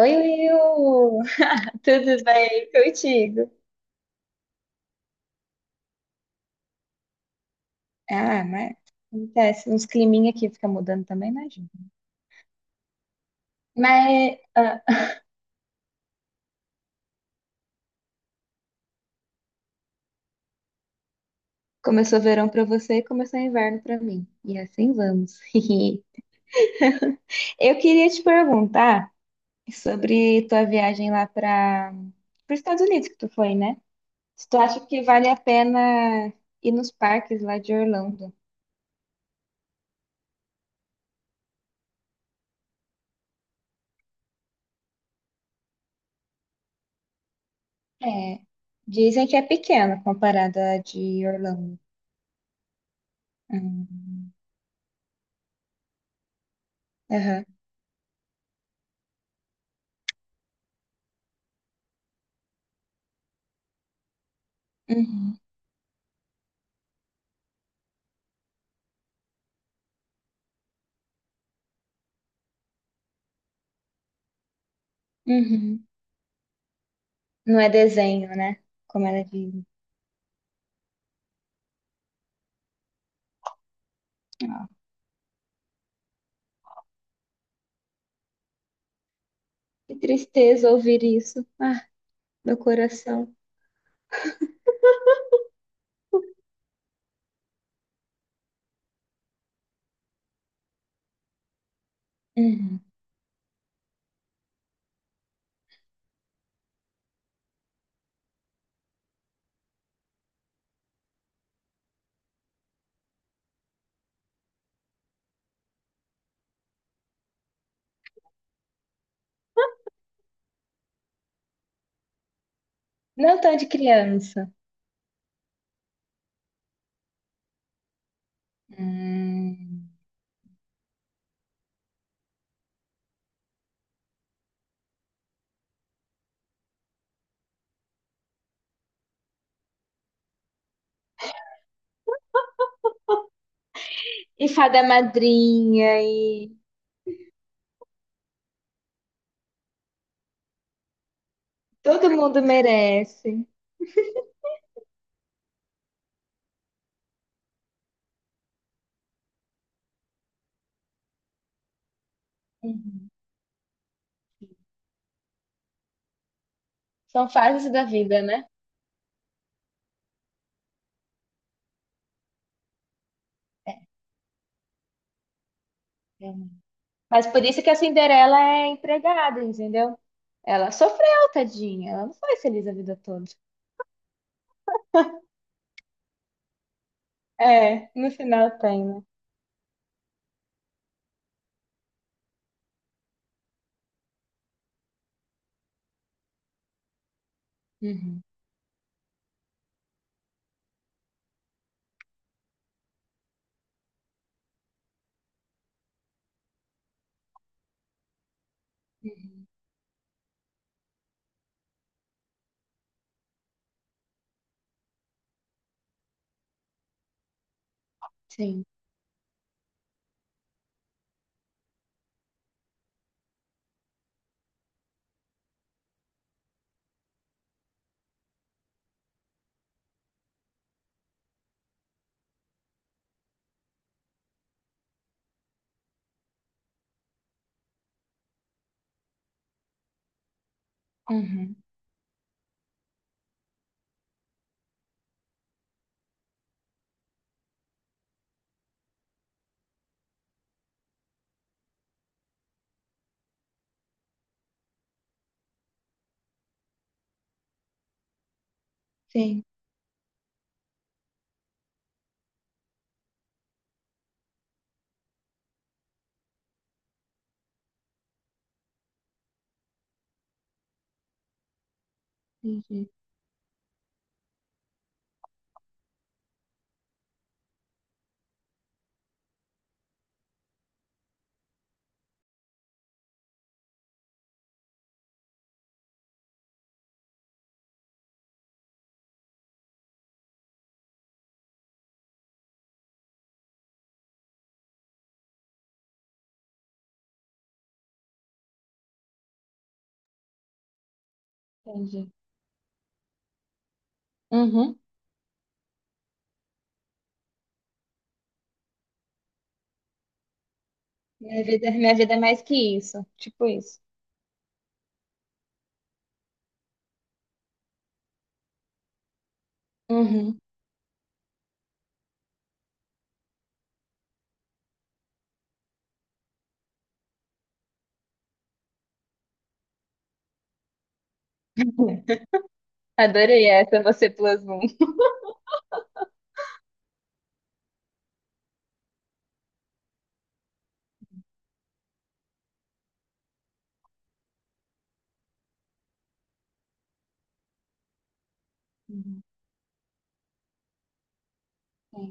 Oi, Will! Tudo bem contigo? Ah, mas acontece. Uns climinha aqui fica mudando também, não ajuda. Mas ah, começou verão pra você e começou inverno pra mim. E assim vamos. Eu queria te perguntar sobre tua viagem lá para os Estados Unidos que tu foi, né? Se tu acha que vale a pena ir nos parques lá de Orlando? É, dizem que é pequeno comparada à de Orlando. Hum, aham. Uhum. Uhum. Não é desenho, né? Como ela diz. Ah, que tristeza ouvir isso. Ah, meu coração. Uhum. Não tão de criança. Hum. E fada madrinha, e todo mundo merece. Uhum. São fases da vida, né? Realmente. Mas por isso que a Cinderela é empregada, entendeu? Ela sofreu, tadinha. Ela não foi feliz a vida toda. É, no final tem, né? Uhum. Sim. Uhum. Sim. Entendi. Entendi. Uhum. Minha vida é mais que isso. Tipo isso. Uhum. Adorei essa, você plus um. Uhum. É.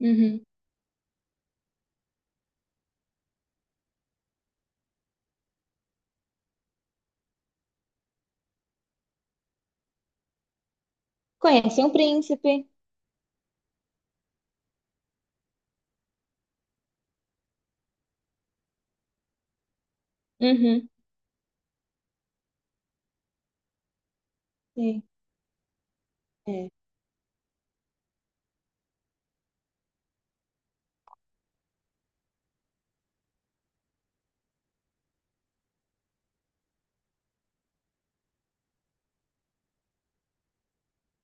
Uhum. Conheci um príncipe. Uhum. Sim. É.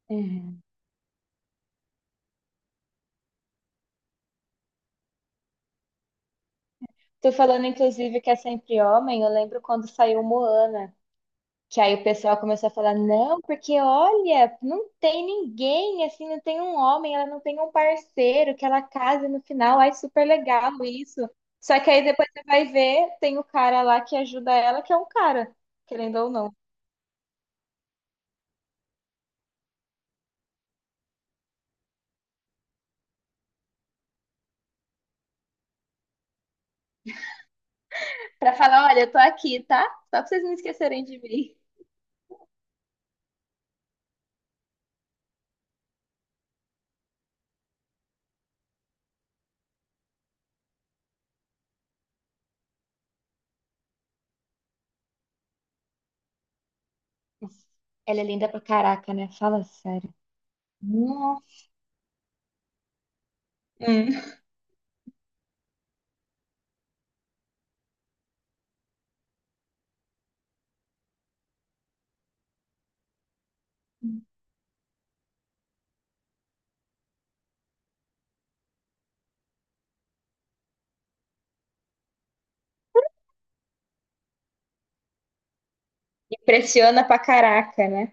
Uhum. Tô falando, inclusive, que é sempre homem. Eu lembro quando saiu Moana. Que aí o pessoal começou a falar, não, porque olha, não tem ninguém, assim, não tem um homem, ela não tem um parceiro que ela case no final, ai, super legal isso. Só que aí depois você vai ver, tem o cara lá que ajuda ela, que é um cara, querendo ou não. Pra falar, olha, eu tô aqui, tá? Só pra vocês não esquecerem de mim. Ela é linda pra caraca, né? Fala sério. Nossa. Hum. Impressiona pra caraca, né?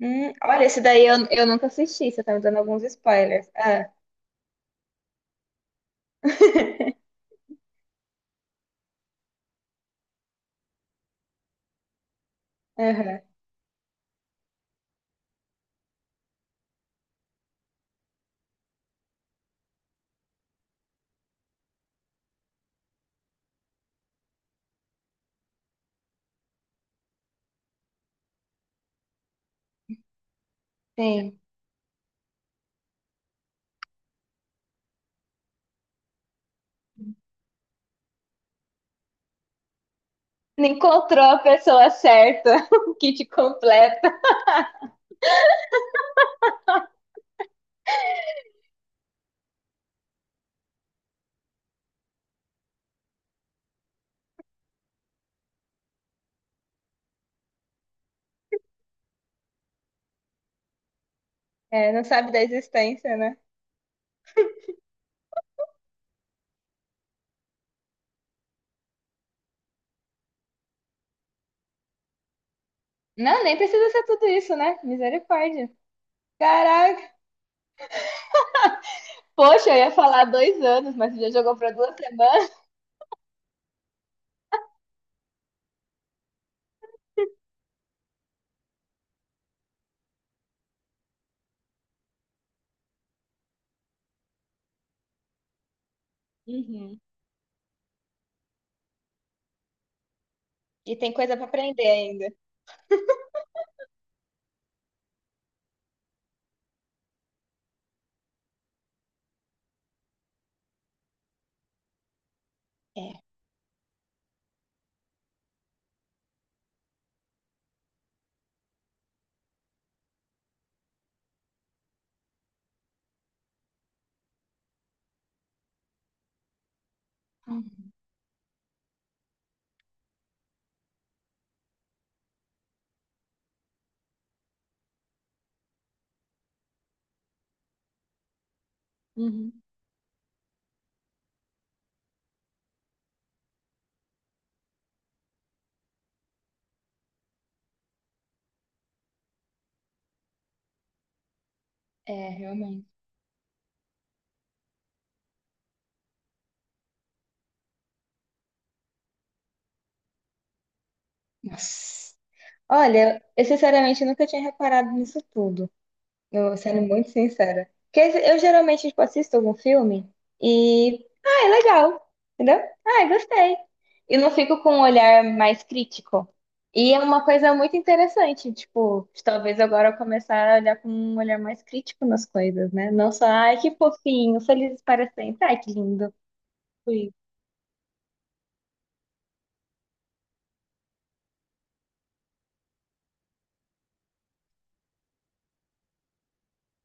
Olha, esse daí eu nunca assisti, você tá me dando alguns spoilers. Ah, aham. Sim. Não encontrou a pessoa certa, o kit completa. É, não sabe da existência, né? Não, nem precisa ser tudo isso, né? Misericórdia. Caraca. Poxa, eu ia falar dois anos, mas você já jogou pra duas semanas. Uhum. E tem coisa pra aprender ainda. É. Uhum. É, realmente. Nossa. Olha, eu sinceramente nunca tinha reparado nisso tudo. Eu, sendo muito sincera. Porque eu geralmente, tipo, assisto algum filme e. Ah, é legal. Entendeu? Ah, gostei. E não fico com um olhar mais crítico. E é uma coisa muito interessante, tipo, de talvez agora eu começar a olhar com um olhar mais crítico nas coisas, né? Não só, ai, que fofinho, felizes para sempre, ai, que lindo. Sim.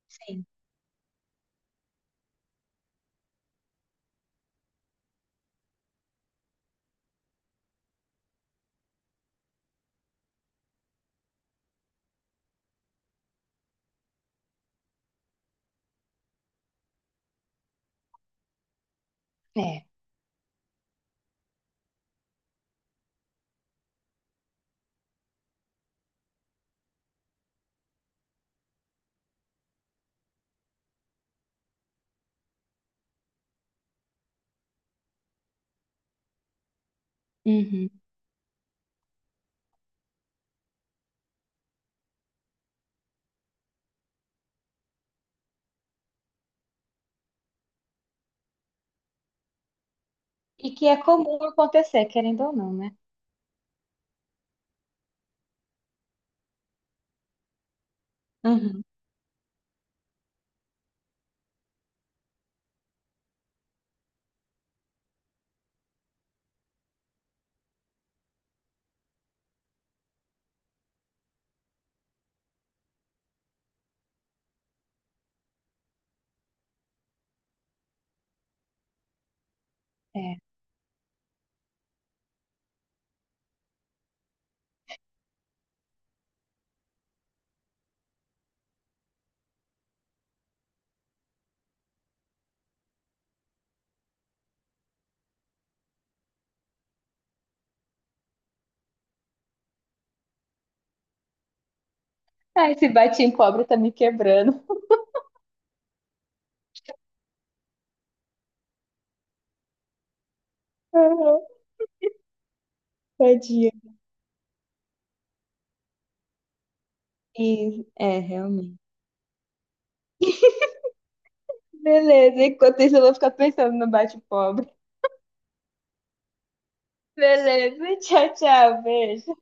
Sim. É. Uhum. E que é comum acontecer, querendo ou não, né? Uhum. É. Ai, esse batim pobre tá me quebrando. Uhum. Tadinha. Sim, é, realmente. Beleza, enquanto isso eu vou ficar pensando no bate-pobre. Beleza, tchau, tchau, beijo.